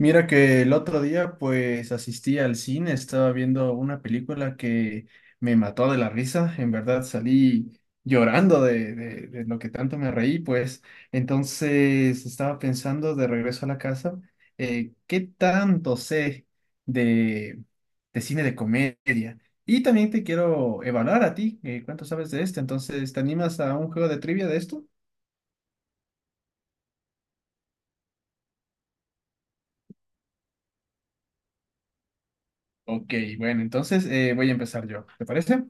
Mira que el otro día pues asistí al cine, estaba viendo una película que me mató de la risa, en verdad salí llorando de lo que tanto me reí, pues entonces estaba pensando de regreso a la casa, ¿qué tanto sé de, de cine de comedia? Y también te quiero evaluar a ti, ¿cuánto sabes de esto? Entonces, ¿te animas a un juego de trivia de esto? Ok, bueno, entonces voy a empezar yo, ¿te parece?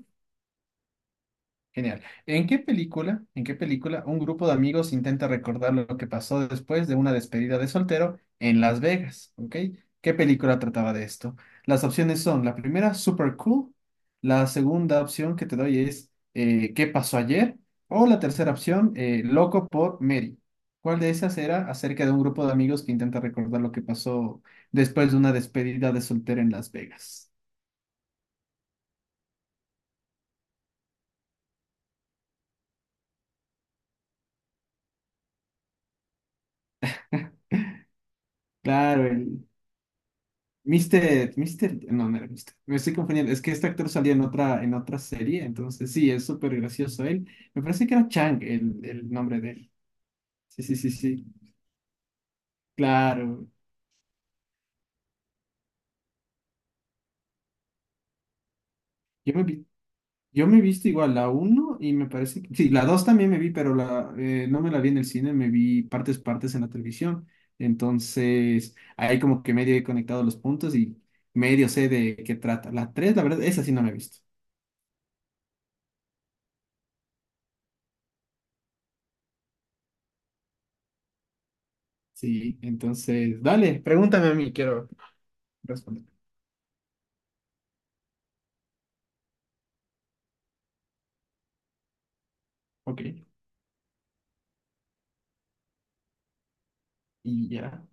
Genial. ¿En qué película un grupo de amigos intenta recordar lo que pasó después de una despedida de soltero en Las Vegas? ¿Ok? ¿Qué película trataba de esto? Las opciones son, la primera, Super Cool; la segunda opción que te doy es ¿Qué pasó ayer?; o la tercera opción, Loco por Mary. ¿Cuál de esas era acerca de un grupo de amigos que intenta recordar lo que pasó después de una despedida de soltero en Las Vegas? Claro, Mister, no, no era Mister, me estoy confundiendo, es que este actor salía en otra serie, entonces sí, es súper gracioso él, me parece que era Chang el nombre de él, sí, sí, sí, sí, claro, yo me vi, yo me he visto igual la uno y me parece que, sí, la 2 también me vi, pero no me la vi en el cine, me vi partes, partes en la televisión, entonces ahí como que medio he conectado los puntos y medio sé de qué trata, la 3, la verdad, esa sí no me he visto, sí, entonces, dale, pregúntame a mí, quiero responder. Ok, y ya.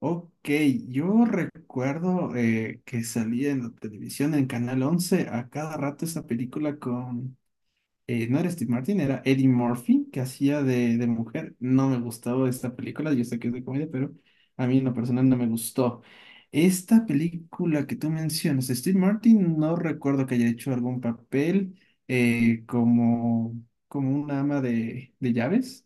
Ok, yo recuerdo que salía en la televisión, en Canal 11 a cada rato esa película no era Steve Martin, era Eddie Murphy, que hacía de mujer. No me gustaba esta película, yo sé que es de comedia, pero a mí en lo personal no me gustó. Esta película que tú mencionas, Steve Martin, no recuerdo que haya hecho algún papel eh, como, como una ama de llaves.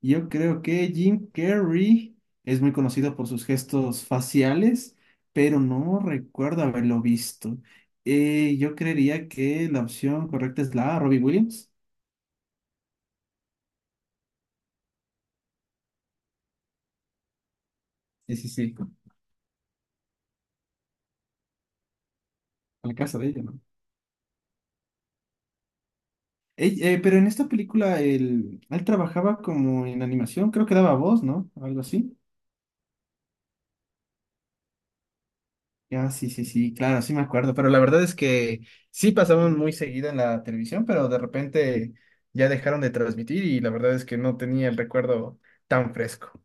Yo creo que Jim Carrey es muy conocido por sus gestos faciales, pero no recuerdo haberlo visto. Yo creería que la opción correcta es la A, Robbie Williams. Sí, sí, sí, a la casa de ella, ¿no? Ey, pero en esta película él trabajaba como en animación, creo que daba voz, ¿no? Algo así. Ya, sí, sí, sí, claro, sí me acuerdo, pero la verdad es que sí pasaban muy seguido en la televisión, pero de repente ya dejaron de transmitir y la verdad es que no tenía el recuerdo tan fresco.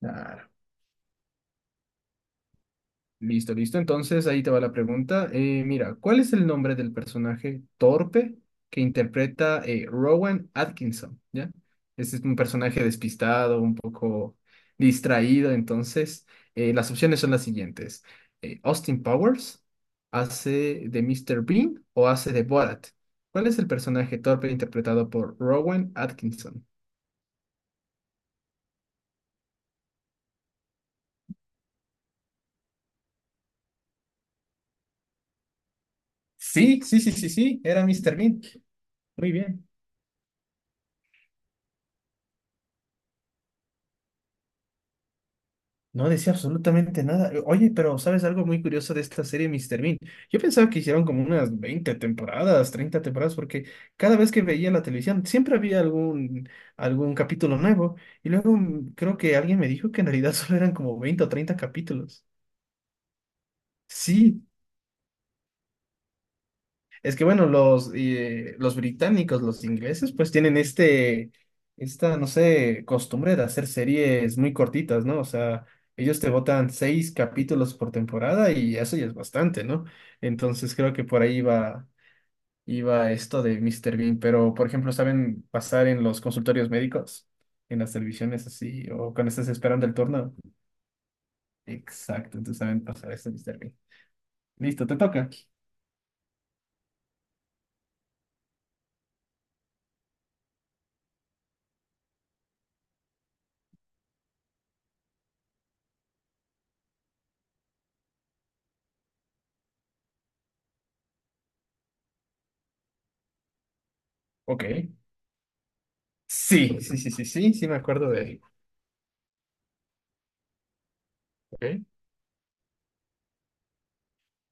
Claro. Listo, listo. Entonces ahí te va la pregunta. Mira, ¿cuál es el nombre del personaje torpe que interpreta Rowan Atkinson? ¿Ya? Este es un personaje despistado, un poco distraído. Entonces, las opciones son las siguientes. Austin Powers hace de Mr. Bean o hace de Borat. ¿Cuál es el personaje torpe interpretado por Rowan Atkinson? Sí, sí, sí, sí, sí, era Mr. Bean. Muy bien. No decía absolutamente nada. Oye, pero ¿sabes algo muy curioso de esta serie Mister Bean? Yo pensaba que hicieron como unas 20 temporadas, 30 temporadas, porque cada vez que veía la televisión siempre había algún capítulo nuevo. Y luego creo que alguien me dijo que en realidad solo eran como 20 o 30 capítulos. Sí, es que bueno, los británicos, los ingleses, pues tienen esta, no sé, costumbre de hacer series muy cortitas, ¿no? O sea, ellos te botan seis capítulos por temporada y eso ya es bastante, ¿no? Entonces creo que por ahí iba esto de Mr. Bean, pero por ejemplo, ¿saben pasar en los consultorios médicos? En las televisiones así, o cuando estás esperando el turno. Exacto, entonces saben pasar esto, Mr. Bean. Listo, te toca. Ok. Sí, sí, sí, sí, sí, sí me acuerdo de él. Ok.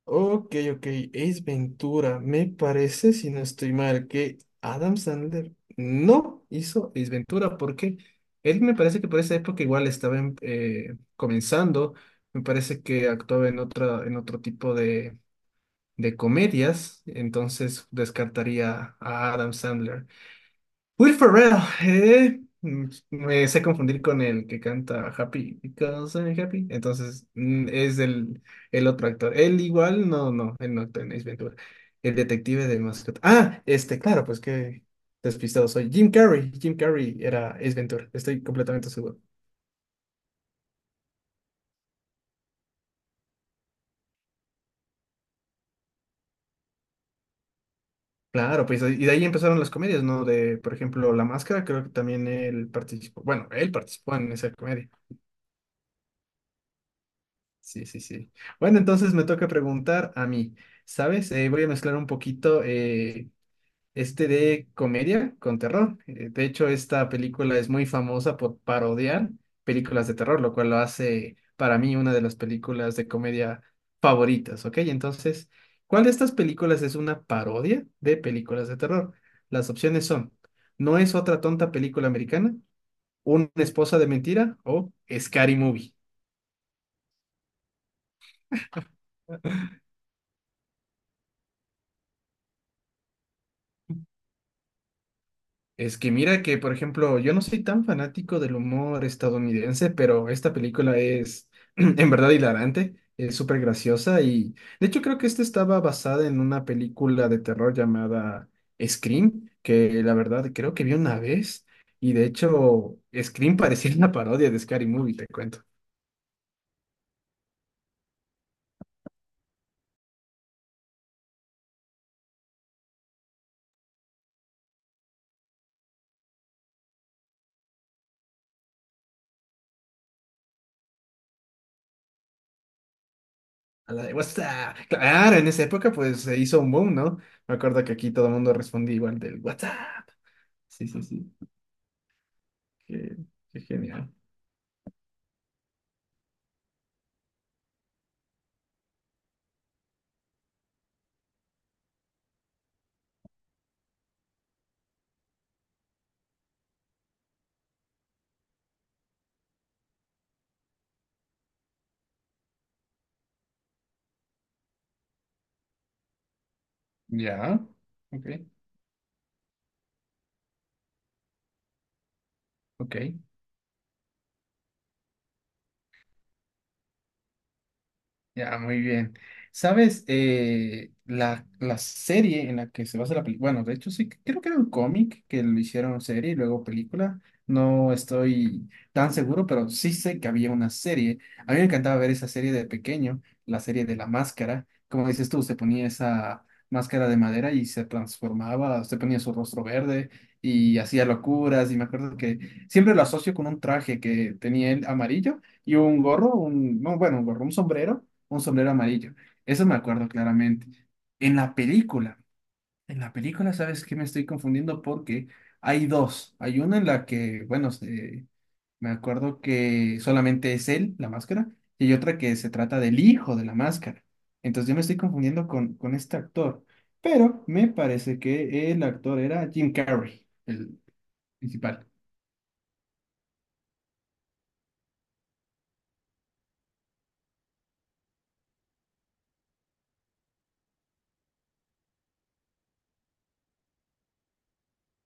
Ok, ok, Ace Ventura, me parece, si no estoy mal, que Adam Sandler no hizo Ace Ventura porque él me parece que por esa época igual estaba comenzando, me parece que actuaba en otro tipo de comedias, entonces descartaría a Adam Sandler. Will Ferrell, me sé confundir con el que canta Happy Because I'm Happy. Entonces, es el otro actor. Él igual, no, no, él no actúa en Ace Ventura. El detective de mascota. Ah, claro, pues que despistado soy. Jim Carrey, Jim Carrey era Ace Ventura, estoy completamente seguro. Claro, pues y de ahí empezaron las comedias, ¿no? De, por ejemplo, La Máscara, creo que también él participó, bueno, él participó en esa comedia. Sí, sí, sí. Bueno, entonces me toca preguntar a mí, ¿sabes? Voy a mezclar un poquito de comedia con terror. De hecho, esta película es muy famosa por parodiar películas de terror, lo cual lo hace para mí una de las películas de comedia favoritas, ¿ok? Entonces, ¿cuál de estas películas es una parodia de películas de terror? Las opciones son, ¿No es otra tonta película americana?, ¿Una esposa de mentira? O Scary Movie. Es que mira que, por ejemplo, yo no soy tan fanático del humor estadounidense, pero esta película es en verdad hilarante, es súper graciosa y de hecho creo que esta estaba basada en una película de terror llamada Scream, que la verdad creo que vi una vez, y de hecho Scream parecía una parodia de Scary Movie, te cuento. A la de What's up? Claro, en esa época pues se hizo un boom, ¿no? Me acuerdo que aquí todo el mundo respondía igual del What's up? Sí, sí, sí. Qué, qué genial. Ya, ok, ok. Ya, muy bien. ¿Sabes? La serie en la que se basa la película, bueno, de hecho sí, creo que era un cómic que lo hicieron serie y luego película. No estoy tan seguro, pero sí sé que había una serie. A mí me encantaba ver esa serie de pequeño, la serie de la máscara. Como dices tú, se ponía esa máscara de madera y se transformaba, se ponía su rostro verde y hacía locuras. Y me acuerdo que siempre lo asocio con un traje que tenía él amarillo y un gorro, un, no, bueno, un gorro, un sombrero amarillo. Eso me acuerdo claramente. En la película, en la película, ¿sabes qué? Me estoy confundiendo porque hay dos. Hay una en la que, bueno, me acuerdo que solamente es él, la máscara, y hay otra que se trata del hijo de la máscara. Entonces yo me estoy confundiendo con este actor, pero me parece que el actor era Jim Carrey, el principal.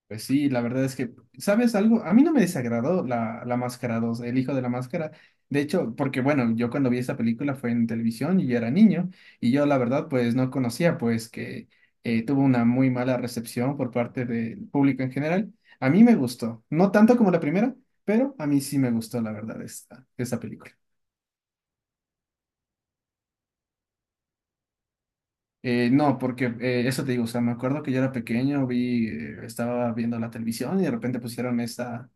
Pues sí, la verdad es que, ¿sabes algo? A mí no me desagradó la Máscara dos, El Hijo de la Máscara. De hecho, porque bueno, yo cuando vi esa película fue en televisión y yo era niño, y yo la verdad pues no conocía pues que tuvo una muy mala recepción por parte del público en general. A mí me gustó, no tanto como la primera, pero a mí sí me gustó la verdad esa película. No, porque eso te digo, o sea, me acuerdo que yo era pequeño, estaba viendo la televisión y de repente pusieron esta,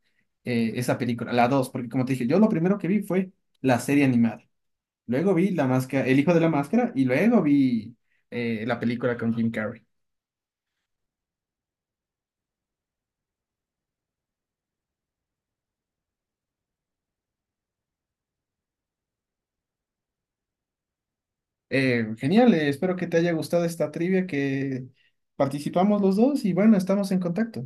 eh, esa película, la dos, porque como te dije, yo lo primero que vi fue la serie animada, luego vi la máscara, El hijo de la máscara y luego vi la película con Jim Carrey. Genial, espero que te haya gustado esta trivia que participamos los dos y bueno, estamos en contacto.